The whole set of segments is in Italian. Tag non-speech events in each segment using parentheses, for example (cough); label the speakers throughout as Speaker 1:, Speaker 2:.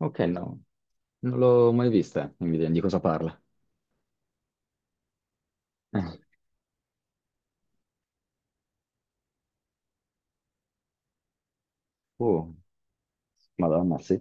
Speaker 1: Ok, no, non l'ho mai vista, Nvidia, di cosa parla? (laughs) Eh, oh, Madonna, sì,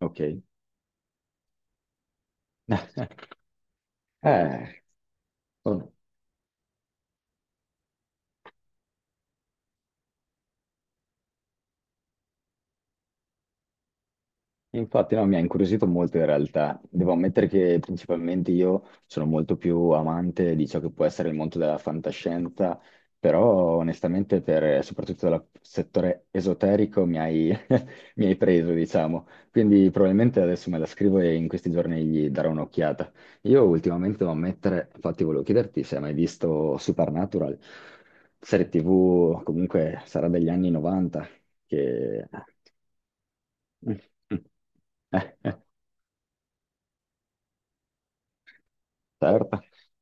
Speaker 1: ok. (laughs) Eh, oh, no, infatti no, mi ha incuriosito molto in realtà. Devo ammettere che principalmente io sono molto più amante di ciò che può essere il mondo della fantascienza, però onestamente per soprattutto dal settore esoterico mi hai preso, diciamo. Quindi probabilmente adesso me la scrivo e in questi giorni gli darò un'occhiata. Io ultimamente devo ammettere, infatti volevo chiederti se hai mai visto Supernatural, serie TV, comunque sarà degli anni 90, che... (laughs) Certo,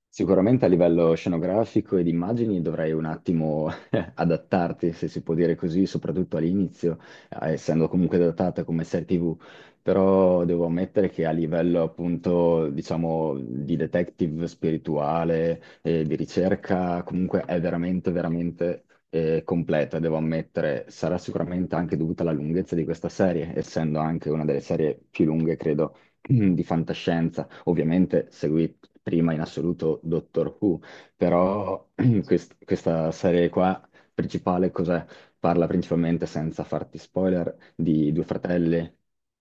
Speaker 1: sicuramente a livello scenografico e di immagini dovrai un attimo (laughs) adattarti, se si può dire così, soprattutto all'inizio, essendo comunque datata come serie TV, però devo ammettere che a livello appunto, diciamo, di detective spirituale, di ricerca, comunque è veramente, veramente completa, devo ammettere. Sarà sicuramente anche dovuta alla lunghezza di questa serie, essendo anche una delle serie più lunghe, credo (clears throat) di fantascienza. Ovviamente seguì prima in assoluto Doctor Who, però (clears throat) questa serie qua principale cos'è? Parla principalmente, senza farti spoiler, di due fratelli,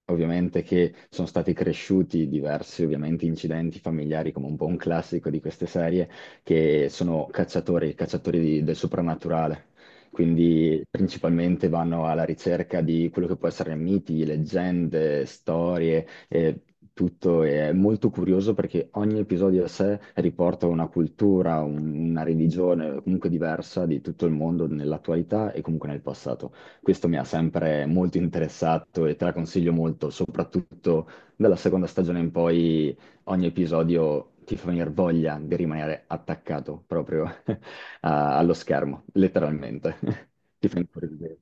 Speaker 1: ovviamente, che sono stati cresciuti diversi, ovviamente, incidenti familiari, come un po' un classico di queste serie, che sono cacciatori, del soprannaturale. Quindi principalmente vanno alla ricerca di quello che può essere miti, leggende, storie, e tutto è molto curioso perché ogni episodio a sé riporta una cultura, una religione comunque diversa di tutto il mondo nell'attualità e comunque nel passato. Questo mi ha sempre molto interessato e te la consiglio molto, soprattutto dalla seconda stagione in poi ogni episodio ti fa venire voglia di rimanere attaccato proprio (laughs) allo schermo, letteralmente. (laughs) Ti fa incuriosire.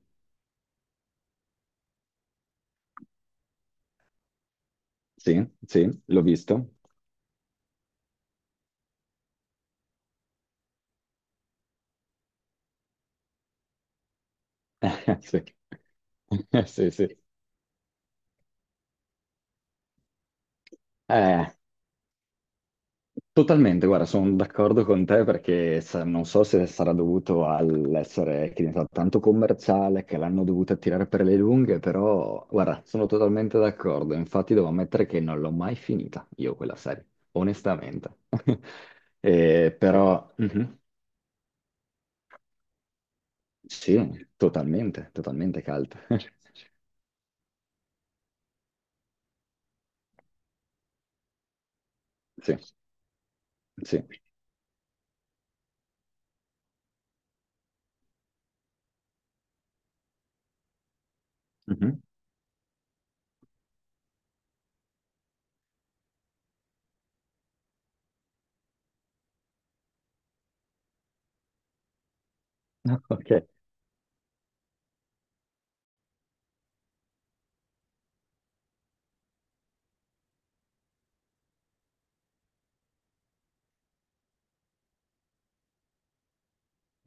Speaker 1: Sì, sì, l'ho visto. (laughs) Sì, (laughs) sì, sì. Eh, totalmente, guarda, sono d'accordo con te perché non so se sarà dovuto all'essere che ne so, tanto commerciale che l'hanno dovuta tirare per le lunghe, però guarda, sono totalmente d'accordo. Infatti devo ammettere che non l'ho mai finita io quella serie, onestamente. (laughs) Però sì, totalmente, totalmente caldo. (laughs) Sì, sì. Mhm. (laughs) Ok.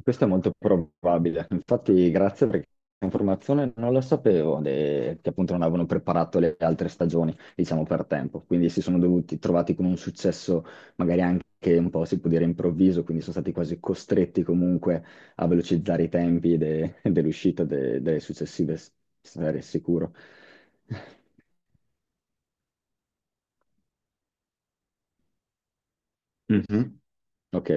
Speaker 1: Questo è molto probabile. Infatti, grazie perché informazione non la sapevo, che appunto non avevano preparato le altre stagioni, diciamo, per tempo. Quindi si sono dovuti trovati con un successo magari anche un po', si può dire, improvviso, quindi sono stati quasi costretti comunque a velocizzare i tempi (laughs) dell'uscita delle successive serie, sicuro. Mhm. Ok.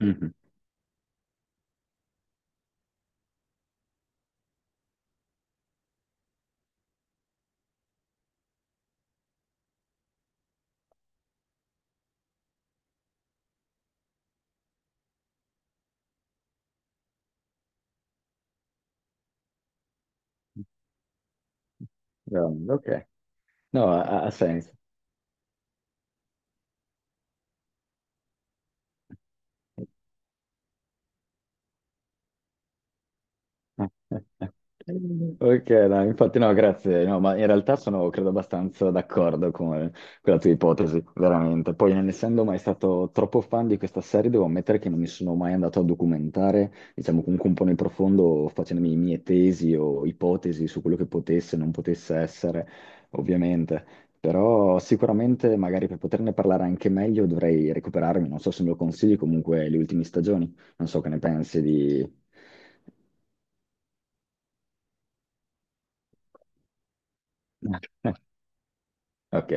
Speaker 1: Mhm. Ok. No, ha senso. (laughs) Ok, no, infatti no, grazie. No, ma in realtà sono, credo, abbastanza d'accordo con la tua ipotesi, veramente. Poi, non essendo mai stato troppo fan di questa serie, devo ammettere che non mi sono mai andato a documentare, diciamo, comunque un po' nel profondo, facendomi mie tesi o ipotesi su quello che potesse e non potesse essere, ovviamente. Però sicuramente, magari per poterne parlare anche meglio, dovrei recuperarmi, non so se me lo consigli, comunque, le ultime stagioni. Non so che ne pensi di... (laughs) Ok,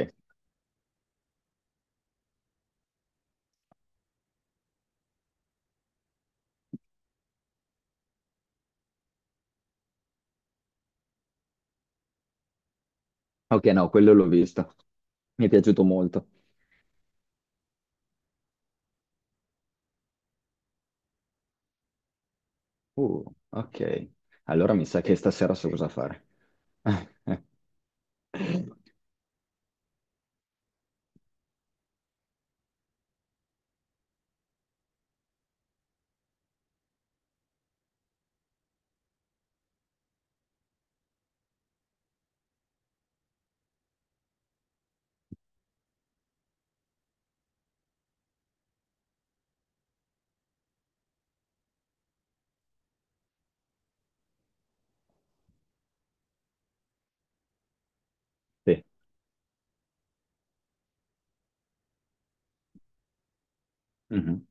Speaker 1: ok, no, quello l'ho visto. Mi è piaciuto molto. Uh, ok. Allora mi sa che stasera so cosa fare. (laughs) Sì. Mhm.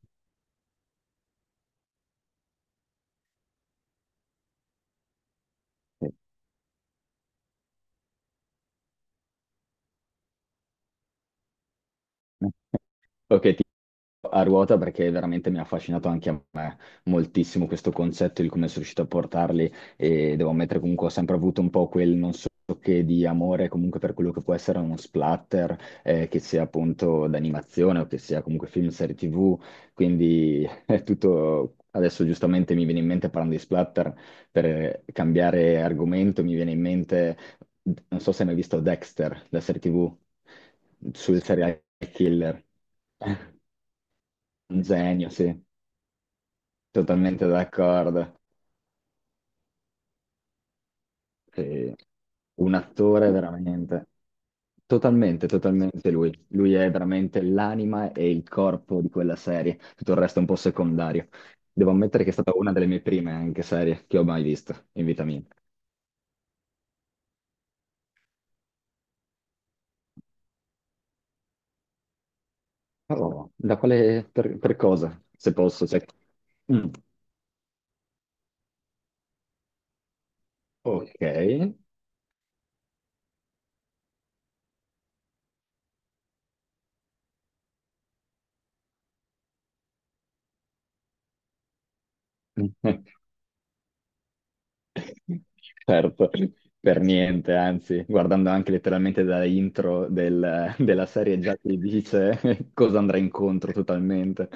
Speaker 1: Sì. Ok, a ruota perché veramente mi ha affascinato anche a me moltissimo questo concetto di come sono riuscito a portarli e devo ammettere comunque ho sempre avuto un po' quel non so che di amore comunque per quello che può essere uno splatter, che sia appunto d'animazione o che sia comunque film, serie TV, quindi (laughs) è tutto... Adesso giustamente mi viene in mente parlando di splatter, per cambiare argomento, mi viene in mente, non so se hai mai visto Dexter, la serie TV, sul serial killer. (laughs) Un genio, sì, totalmente d'accordo. Sì, un attore veramente, totalmente, totalmente lui. Lui è veramente l'anima e il corpo di quella serie, tutto il resto è un po' secondario. Devo ammettere che è stata una delle mie prime anche serie che ho mai visto in vita mia. Oh, da quale, per cosa, se posso, cioè- Mm, ok. (laughs) Certo, per niente, anzi, guardando anche letteralmente da intro della serie già ti dice (laughs) cosa andrà incontro totalmente.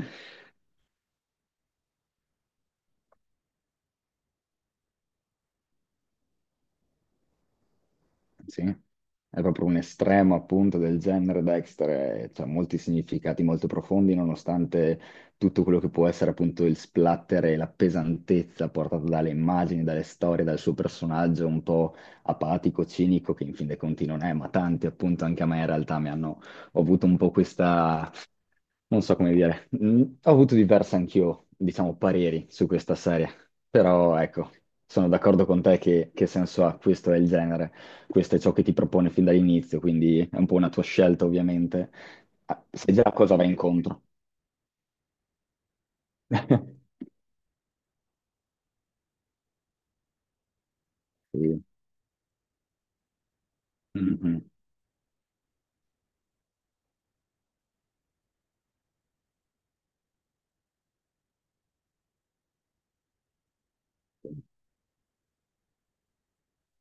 Speaker 1: Sì, è proprio un estremo appunto del genere Dexter, e c'ha molti significati molto profondi nonostante tutto quello che può essere appunto il splatter e la pesantezza portata dalle immagini, dalle storie, dal suo personaggio un po' apatico, cinico, che in fin dei conti non è, ma tanti appunto anche a me in realtà mi hanno ho avuto un po' questa non so come dire, mm, ho avuto diversi anch'io, diciamo, pareri su questa serie, però ecco, sono d'accordo con te che senso ha, questo è il genere, questo è ciò che ti propone fin dall'inizio, quindi è un po' una tua scelta ovviamente, ah, sai già a cosa vai incontro. (laughs) Sì. Mhm.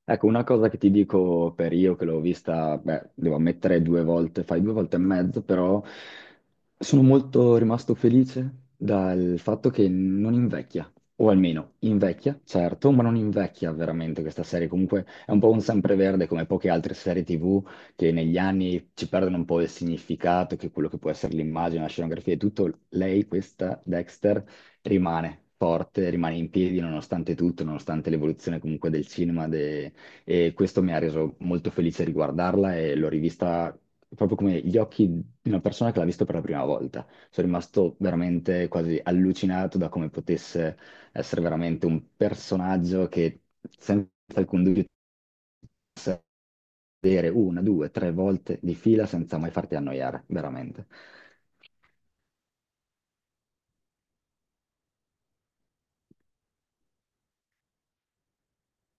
Speaker 1: Ecco, una cosa che ti dico per io che l'ho vista, beh, devo ammettere due volte, fai due volte e mezzo, però sono molto rimasto felice dal fatto che non invecchia, o almeno invecchia, certo, ma non invecchia veramente questa serie. Comunque è un po' un sempreverde come poche altre serie TV che negli anni ci perdono un po' il significato, che quello che può essere l'immagine, la scenografia e tutto. Lei, questa Dexter, rimane forte, rimane in piedi nonostante tutto, nonostante l'evoluzione comunque del cinema, de- e questo mi ha reso molto felice riguardarla e l'ho rivista proprio come gli occhi di una persona che l'ha vista per la prima volta. Sono rimasto veramente quasi allucinato da come potesse essere veramente un personaggio che senza alcun dubbio vedere una, due, tre volte di fila senza mai farti annoiare, veramente.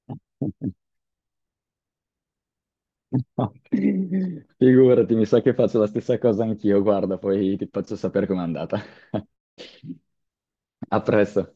Speaker 1: (laughs) No. Figurati, mi sa che faccio la stessa cosa anch'io, guarda, poi ti faccio sapere com'è andata. (laughs) A presto.